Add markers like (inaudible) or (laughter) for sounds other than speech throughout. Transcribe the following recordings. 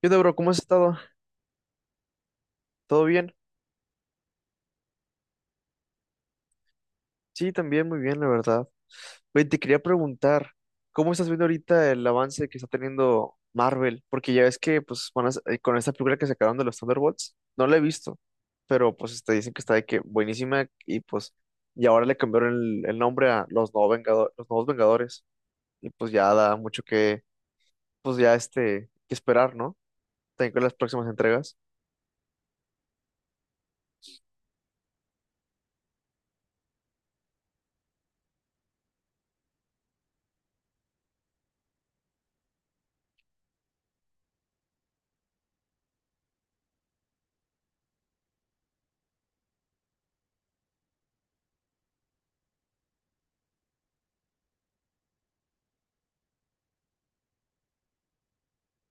¿Qué onda, bro? ¿Cómo has estado? ¿Todo bien? Sí, también muy bien, la verdad. Oye, te quería preguntar, ¿cómo estás viendo ahorita el avance que está teniendo Marvel? Porque ya ves que, pues, con esta película que sacaron de los Thunderbolts, no la he visto, pero pues este, dicen que está de que buenísima y pues, y ahora le cambiaron el nombre a los nuevos los nuevos Vengadores y pues ya da mucho que, pues ya este, que esperar, ¿no? También con las próximas entregas.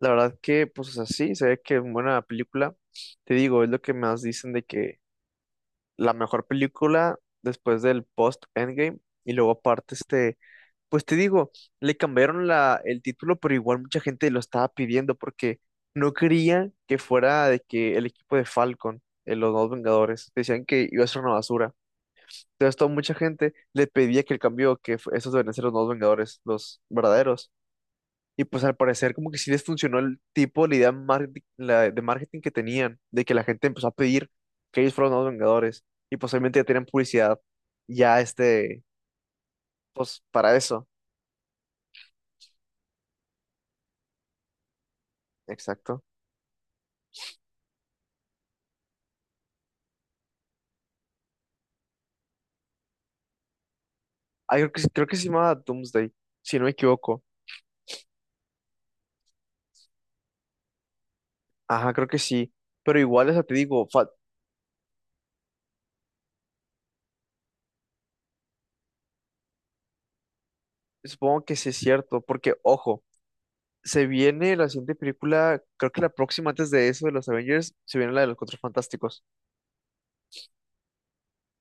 La verdad que, pues, o sea, sí, se ve que es buena película. Te digo, es lo que más dicen de que la mejor película después del post-Endgame. Y luego aparte, este, pues te digo, le cambiaron la, el título, pero igual mucha gente lo estaba pidiendo porque no quería que fuera de que el equipo de Falcon, los dos Vengadores, decían que iba a ser una basura. Entonces, toda mucha gente le pedía que el cambio, esos deben ser los nuevos Vengadores, los verdaderos. Y pues al parecer como que sí les funcionó el tipo, la idea de marketing que tenían, de que la gente empezó a pedir que ellos fueran los nuevos Vengadores. Y posiblemente ya tenían publicidad ya este, pues para eso. Exacto. Ah, creo que, creo que se llamaba Doomsday, si no me equivoco. Ajá, creo que sí. Pero igual, o sea, te digo, supongo que sí es cierto, porque ojo, se viene la siguiente película, creo que la próxima antes de eso de los Avengers, se viene la de los Cuatro Fantásticos.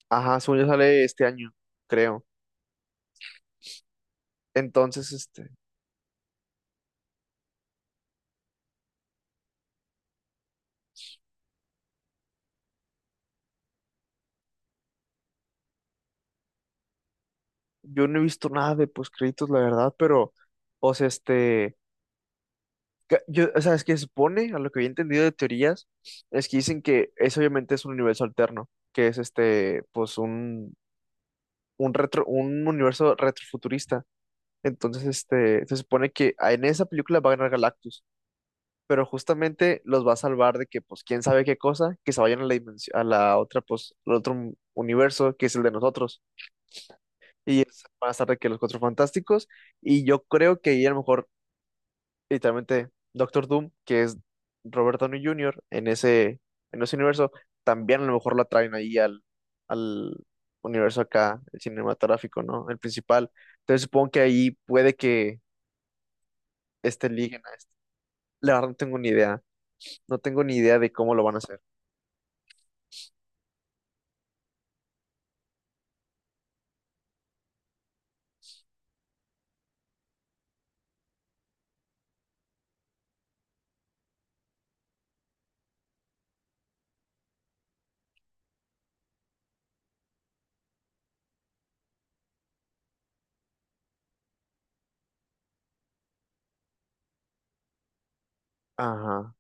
Ajá, según yo sale este año, creo. Entonces, este, yo no he visto nada de créditos la verdad, pero, o sea, este, yo, o sea, es que se supone, a lo que había entendido de teorías, es que dicen que eso obviamente es un universo alterno, que es este, pues un retro, un universo retrofuturista. Entonces, este, se supone que en esa película va a ganar Galactus, pero justamente los va a salvar de que, pues, quién sabe qué cosa, que se vayan a la dimensión, a la otra, pues, al otro universo, que es el de nosotros. Y van a estar de que los Cuatro Fantásticos. Y yo creo que ahí a lo mejor literalmente Doctor Doom, que es Robert Downey Jr. En ese universo, también a lo mejor lo traen ahí al, al universo acá, el cinematográfico, ¿no? El principal. Entonces supongo que ahí puede que este liguen a este. La verdad no tengo ni idea. No tengo ni idea de cómo lo van a hacer. Ajá.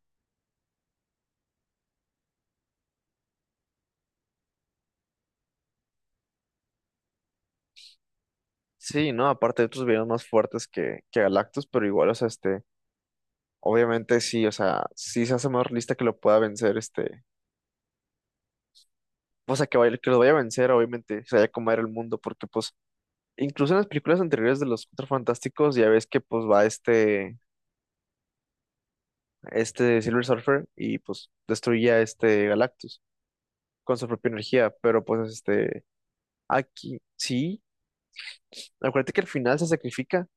Sí, ¿no? Aparte de otros villanos más fuertes que Galactus, pero igual, o sea, este, obviamente sí, o sea, sí se hace más realista que lo pueda vencer, este, o sea, que, que lo vaya a vencer, obviamente, se vaya a comer el mundo, porque pues incluso en las películas anteriores de los Cuatro Fantásticos ya ves que pues va este, este Silver Surfer y pues destruye a este Galactus con su propia energía, pero pues este, aquí sí, acuérdate que al final se sacrifica,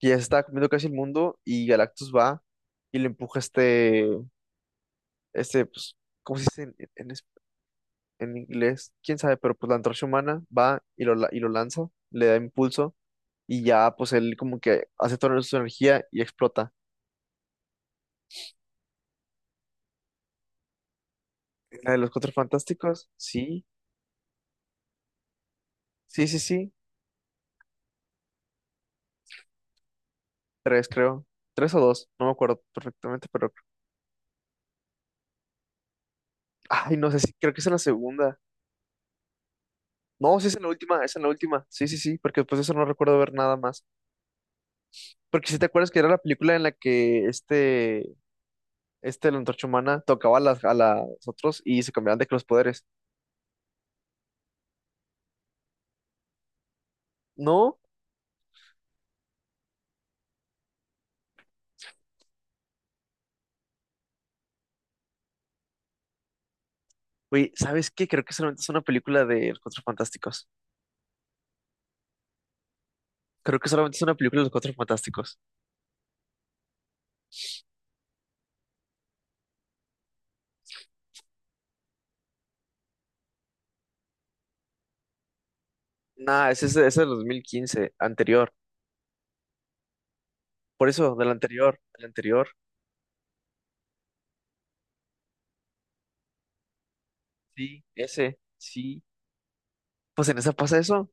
que ya se está comiendo casi el mundo y Galactus va y le empuja este, este pues, ¿cómo se dice en, en inglés? ¿Quién sabe? Pero pues la antorcha humana va y y lo lanza, le da impulso y ya pues él como que hace toda su energía y explota. La de los Cuatro Fantásticos, sí, sí, sí, sí, tres creo, tres o dos, no me acuerdo perfectamente, pero, ay, no sé si, creo que es en la segunda, no, sí es en la última, es en la última, sí, sí, sí, porque después de eso no recuerdo ver nada más, porque si te acuerdas que era la película en la que este, la Antorcha Humana tocaba a las otros y se cambiaban de que los poderes, no, güey, ¿sabes qué? Creo que solamente es una película de los Cuatro Fantásticos, creo que solamente es una película de los Cuatro Fantásticos, nah, ese es del 2015 anterior, por eso, del anterior, del anterior. Sí, ese, sí. Pues en esa pasa eso.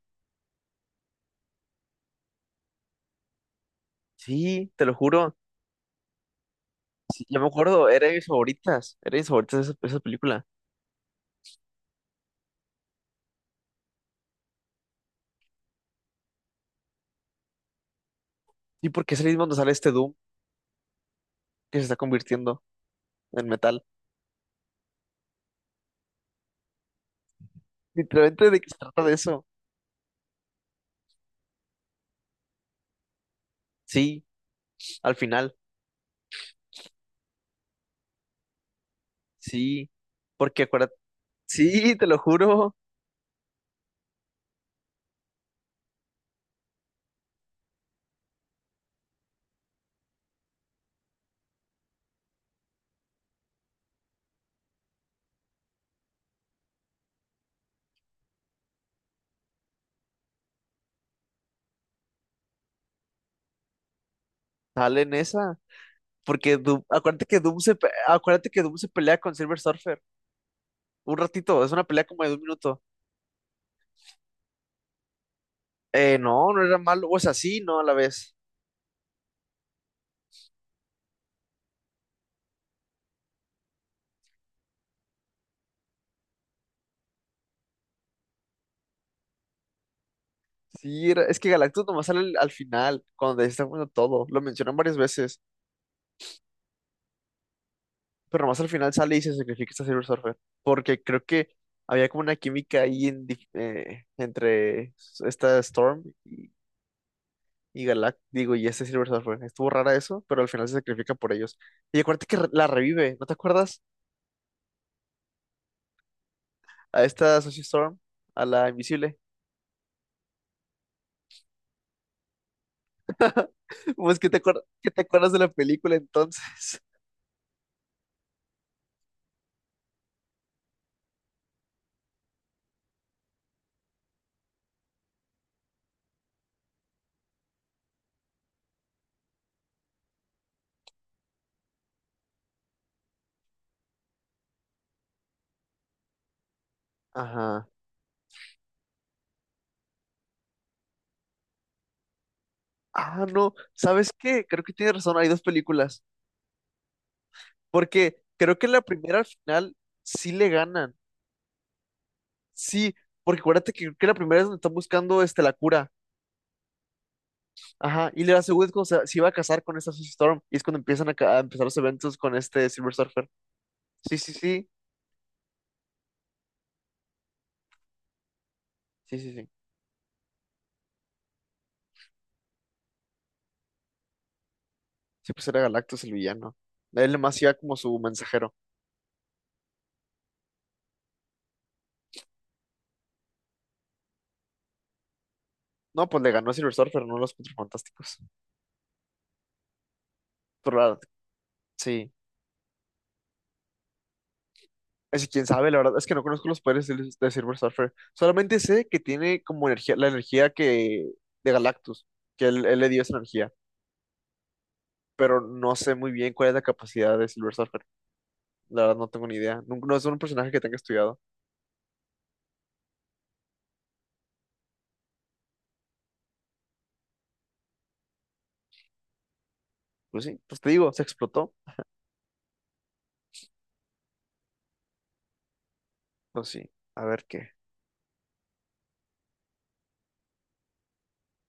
Sí, te lo juro. Sí, yo me acuerdo, era de mis favoritas. Era de mis favoritas esa, esa película. ¿Y por qué es ahí donde sale este Doom que se está convirtiendo en metal? Literalmente de qué se trata de eso. Sí, al final. Sí. Porque acuérdate. Sí, te lo juro. Sale en esa. Porque Doom, acuérdate que Doom se acuérdate que Doom se pelea con Silver Surfer. Un ratito, es una pelea como de un minuto. No, no era malo. O sea, sí, no a la vez. Sí, es que Galactus nomás sale al final, cuando está poniendo todo. Lo mencionan varias veces, pero nomás al final sale y se sacrifica a Silver Surfer. Porque creo que había como una química ahí entre esta Storm y Galactus, digo, y este Silver Surfer. Estuvo rara eso, pero al final se sacrifica por ellos. Y acuérdate que la revive, ¿no te acuerdas? A esta Sushi Storm, a la invisible. (laughs) Pues que que te acuerdas de la película entonces. (laughs) Ajá. Ah, no, ¿sabes qué? Creo que tiene razón, hay dos películas. Porque creo que la primera al final sí le ganan. Sí, porque acuérdate que, creo que la primera es donde están buscando este, la cura. Ajá. Y la segunda es cuando se iba a casar con esta Susie Storm. Y es cuando empiezan a, a empezar los eventos con este Silver Surfer. Sí, sí, sí. Sí, sí, sí. Sí, pues era Galactus el villano. Él nomás iba como su mensajero. No, pues le ganó a Silver Surfer, no a los Cuatro Fantásticos. Pero sí. Es que quién sabe, la verdad es que no conozco los poderes de Silver Surfer. Solamente sé que tiene como energía, la energía que de Galactus, que él le dio esa energía, pero no sé muy bien cuál es la capacidad de Silver Surfer. La verdad no tengo ni idea. No, es un personaje que tenga estudiado. Pues sí, pues te digo, se explotó. Pues sí, a ver qué.